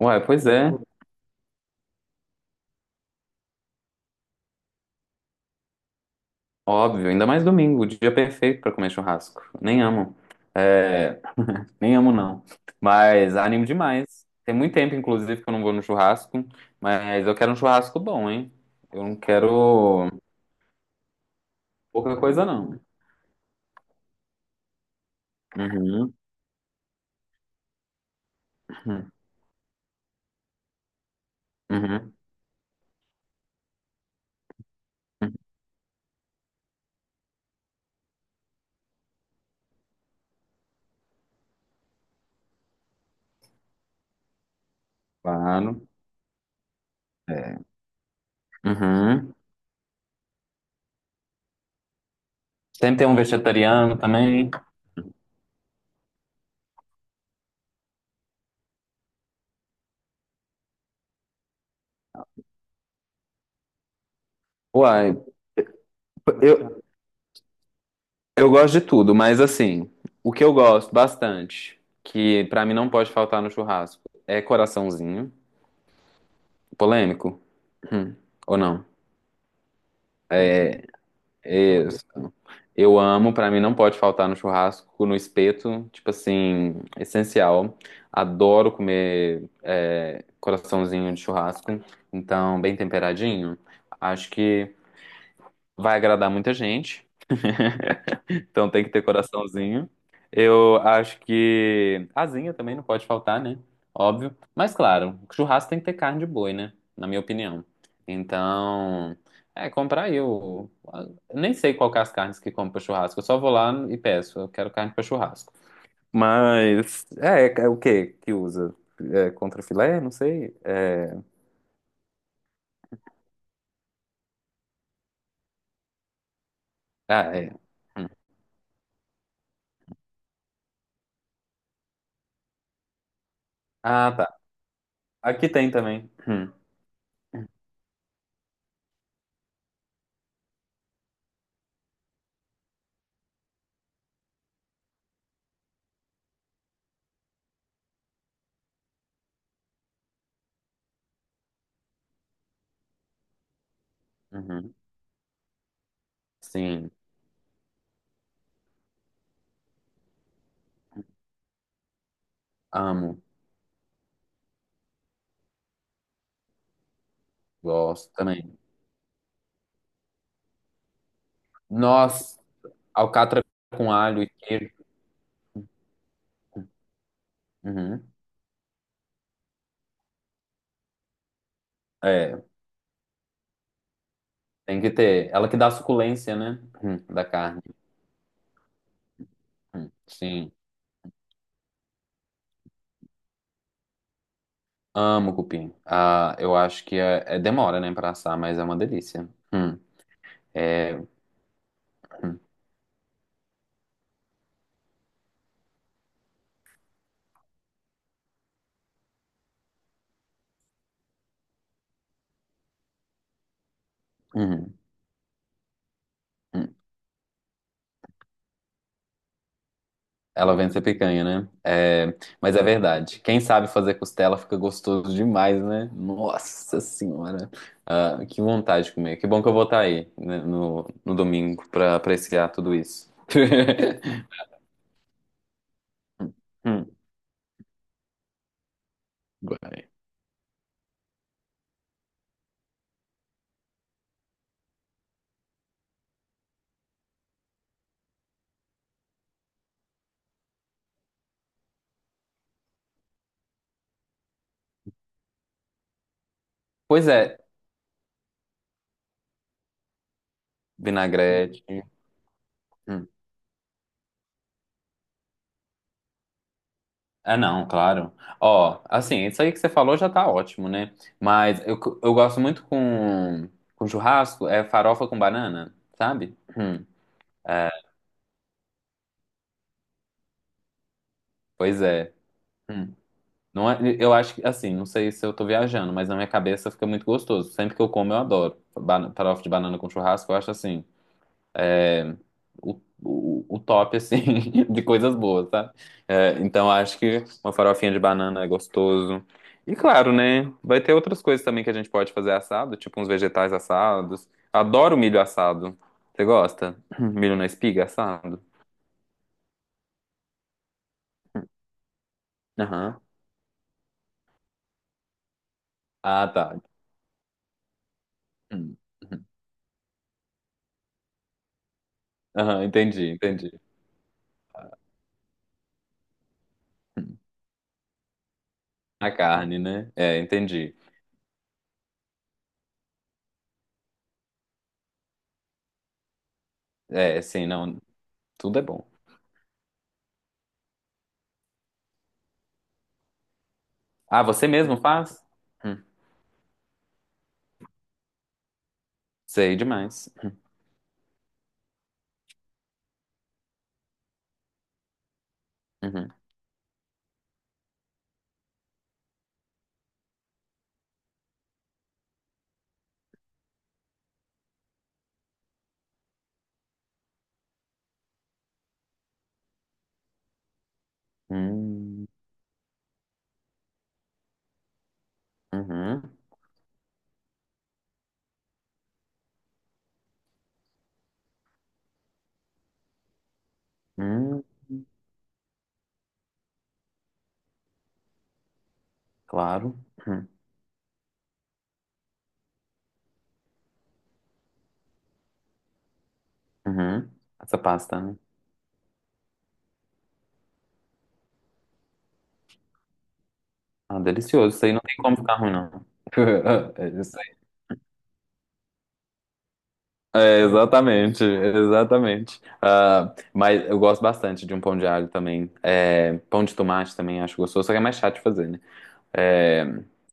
Ué, pois é, óbvio. Ainda mais domingo, o dia perfeito pra comer churrasco. Nem amo. É, nem amo, não. Mas animo demais. Tem muito tempo, inclusive, que eu não vou no churrasco. Mas eu quero um churrasco bom, hein? Eu não quero pouca coisa, não. Uhum, uhum, uhum, claro. Uhum. Sempre tem um vegetariano também. Uai, eu, eu gosto de tudo, mas assim, o que eu gosto bastante, que pra mim não pode faltar no churrasco, é coraçãozinho. Polêmico? Hum. Ou não? Eu amo, pra mim não pode faltar no churrasco, no espeto, tipo assim, essencial. Adoro comer coraçãozinho de churrasco, então bem temperadinho. Acho que vai agradar muita gente. Então tem que ter coraçãozinho. Eu acho que asinha também não pode faltar, né? Óbvio. Mas claro, churrasco tem que ter carne de boi, né? Na minha opinião. Então, comprar aí o. Nem sei qual que é as carnes que compro pra churrasco. Eu só vou lá e peço. Eu quero carne pra churrasco. Mas é o que que usa? É, contra filé? Não sei. É, ah, é. Hum. Ah, tá. Aqui tem também. Hum. Uhum. Sim, amo, gosto também. Nossa, alcatra com alho e queijo. Uhum. É, tem que ter. Ela que dá a suculência, né? Da carne. Sim. Amo cupim. Ah, eu acho que demora, né, pra assar, mas é uma delícia. É, hum, uhum, hum. Ela vem ser picanha, né? É, mas é verdade. Quem sabe fazer costela fica gostoso demais, né? Nossa Senhora. Ah, que vontade de comer. Que bom que eu vou estar aí, né, no domingo pra apreciar tudo isso. Hum, hum. Pois é, vinagrete. Hum. Ah, não, claro. Ó, assim, isso aí que você falou já tá ótimo, né? Mas eu gosto muito com churrasco, é farofa com banana, sabe? Hum. É, pois é. Hum. Não é, eu acho que, assim, não sei se eu tô viajando, mas na minha cabeça fica muito gostoso. Sempre que eu como, eu adoro. Farofa de banana com churrasco, eu acho assim. O top, assim, de coisas boas, tá. É, então acho que uma farofinha de banana é gostoso. E claro, né? Vai ter outras coisas também que a gente pode fazer assado, tipo uns vegetais assados. Adoro milho assado. Você gosta? Milho na espiga assado? Aham. Ah, tá. Hum. Uhum. Aham, entendi, entendi. Hum. A carne, né? É, entendi. É, sim, não. Tudo é bom. Ah, você mesmo faz? Hum, sei demais. Uhum. Hum, uhum. Hum, claro. Hum, uhum. Essa pasta, né? Ah, delicioso. Isso aí não tem como ficar ruim, não. É isso aí. É, exatamente, exatamente. Ah, mas eu gosto bastante de um pão de alho também. É, pão de tomate também acho gostoso, só que é mais chato de fazer, né? É,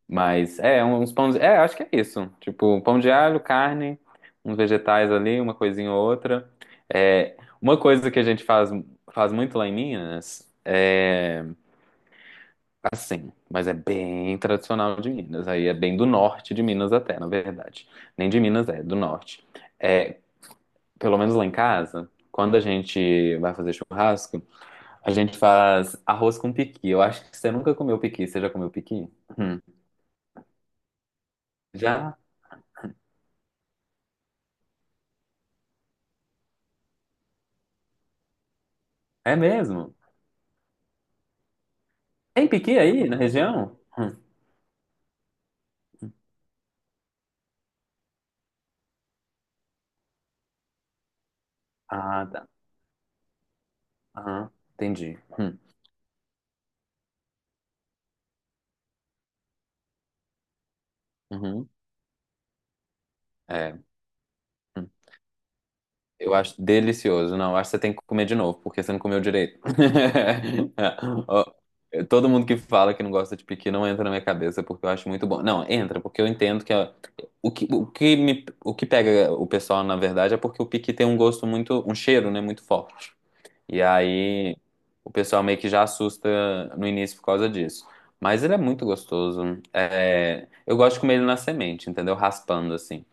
mas é, uns pães. É, acho que é isso. Tipo, pão de alho, carne, uns vegetais ali, uma coisinha ou outra. É, uma coisa que a gente faz muito lá em Minas. É, assim, mas é bem tradicional de Minas. Aí é bem do norte de Minas até, na verdade. Nem de Minas é, do norte. É, pelo menos lá em casa, quando a gente vai fazer churrasco, a gente faz arroz com piqui. Eu acho que você nunca comeu piqui. Você já comeu piqui? Hum. Já? É mesmo? Tem piqui aí na região? Hum. Ah, tá. Aham. Entendi. Hum. Uhum. É. Hum. Eu acho delicioso. Não, eu acho que você tem que comer de novo, porque você não comeu direito. Ó, todo mundo que fala que não gosta de piqui não entra na minha cabeça, porque eu acho muito bom. Não, entra, porque eu entendo que ó, o que me, o que pega o pessoal, na verdade, é porque o piqui tem um gosto muito, um cheiro, né, muito forte. E aí o pessoal meio que já assusta no início por causa disso. Mas ele é muito gostoso. É, eu gosto de comer ele na semente, entendeu? Raspando assim.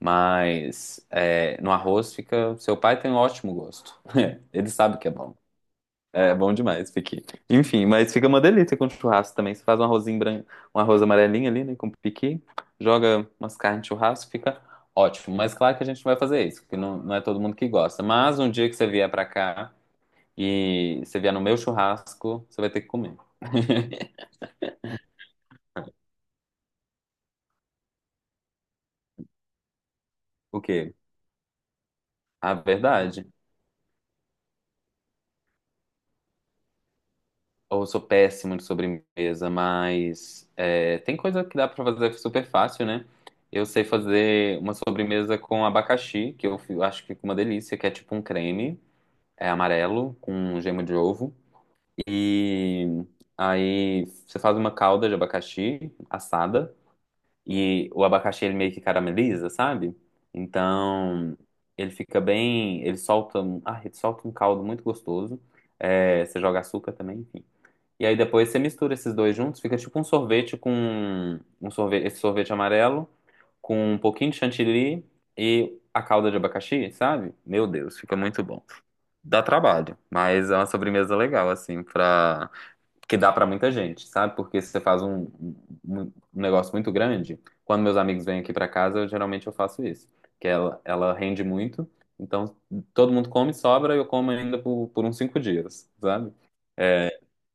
Mas é, no arroz fica. Seu pai tem um ótimo gosto. Ele sabe que é bom. É bom demais, piqui. Enfim, mas fica uma delícia com churrasco também. Você faz um arrozinho branco, um arroz amarelinho ali, né, com piqui, joga umas carnes de churrasco, fica ótimo. Mas claro que a gente não vai fazer isso, porque não é todo mundo que gosta. Mas um dia que você vier pra cá e você vier no meu churrasco, você vai ter que comer. O quê? A verdade. Ou sou péssimo de sobremesa, mas tem coisa que dá pra fazer super fácil, né? Eu sei fazer uma sobremesa com abacaxi, que eu acho que fica uma delícia, que é tipo um creme, é amarelo, com um gema de ovo. E aí você faz uma calda de abacaxi assada, e o abacaxi ele meio que carameliza, sabe? Então ele fica bem. Ele solta um caldo muito gostoso. É, você joga açúcar também, e aí depois você mistura esses dois juntos, fica tipo um sorvete com um sorvete, esse sorvete amarelo com um pouquinho de chantilly e a calda de abacaxi, sabe? Meu Deus, fica muito bom. Dá trabalho, mas é uma sobremesa legal assim para que dá pra muita gente, sabe? Porque se você faz um, um negócio muito grande, quando meus amigos vêm aqui pra casa, eu geralmente eu faço isso, que ela rende muito. Então, todo mundo come, sobra, e eu como ainda por uns 5 dias, sabe?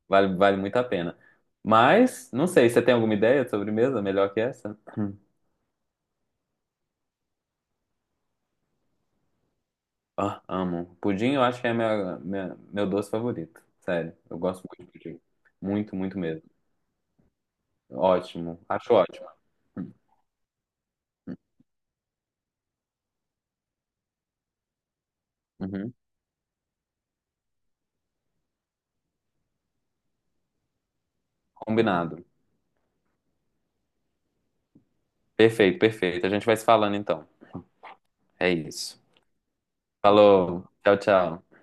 Vale, vale muito a pena. Mas, não sei, você tem alguma ideia de sobremesa melhor que essa? Hum. Ah, amo. Pudim eu acho que é meu doce favorito. Sério, eu gosto muito de pudim. Muito, muito mesmo. Ótimo, acho ótimo. Hum. Uhum. Combinado. Perfeito, perfeito. A gente vai se falando então. É isso. Falou, tchau, tchau.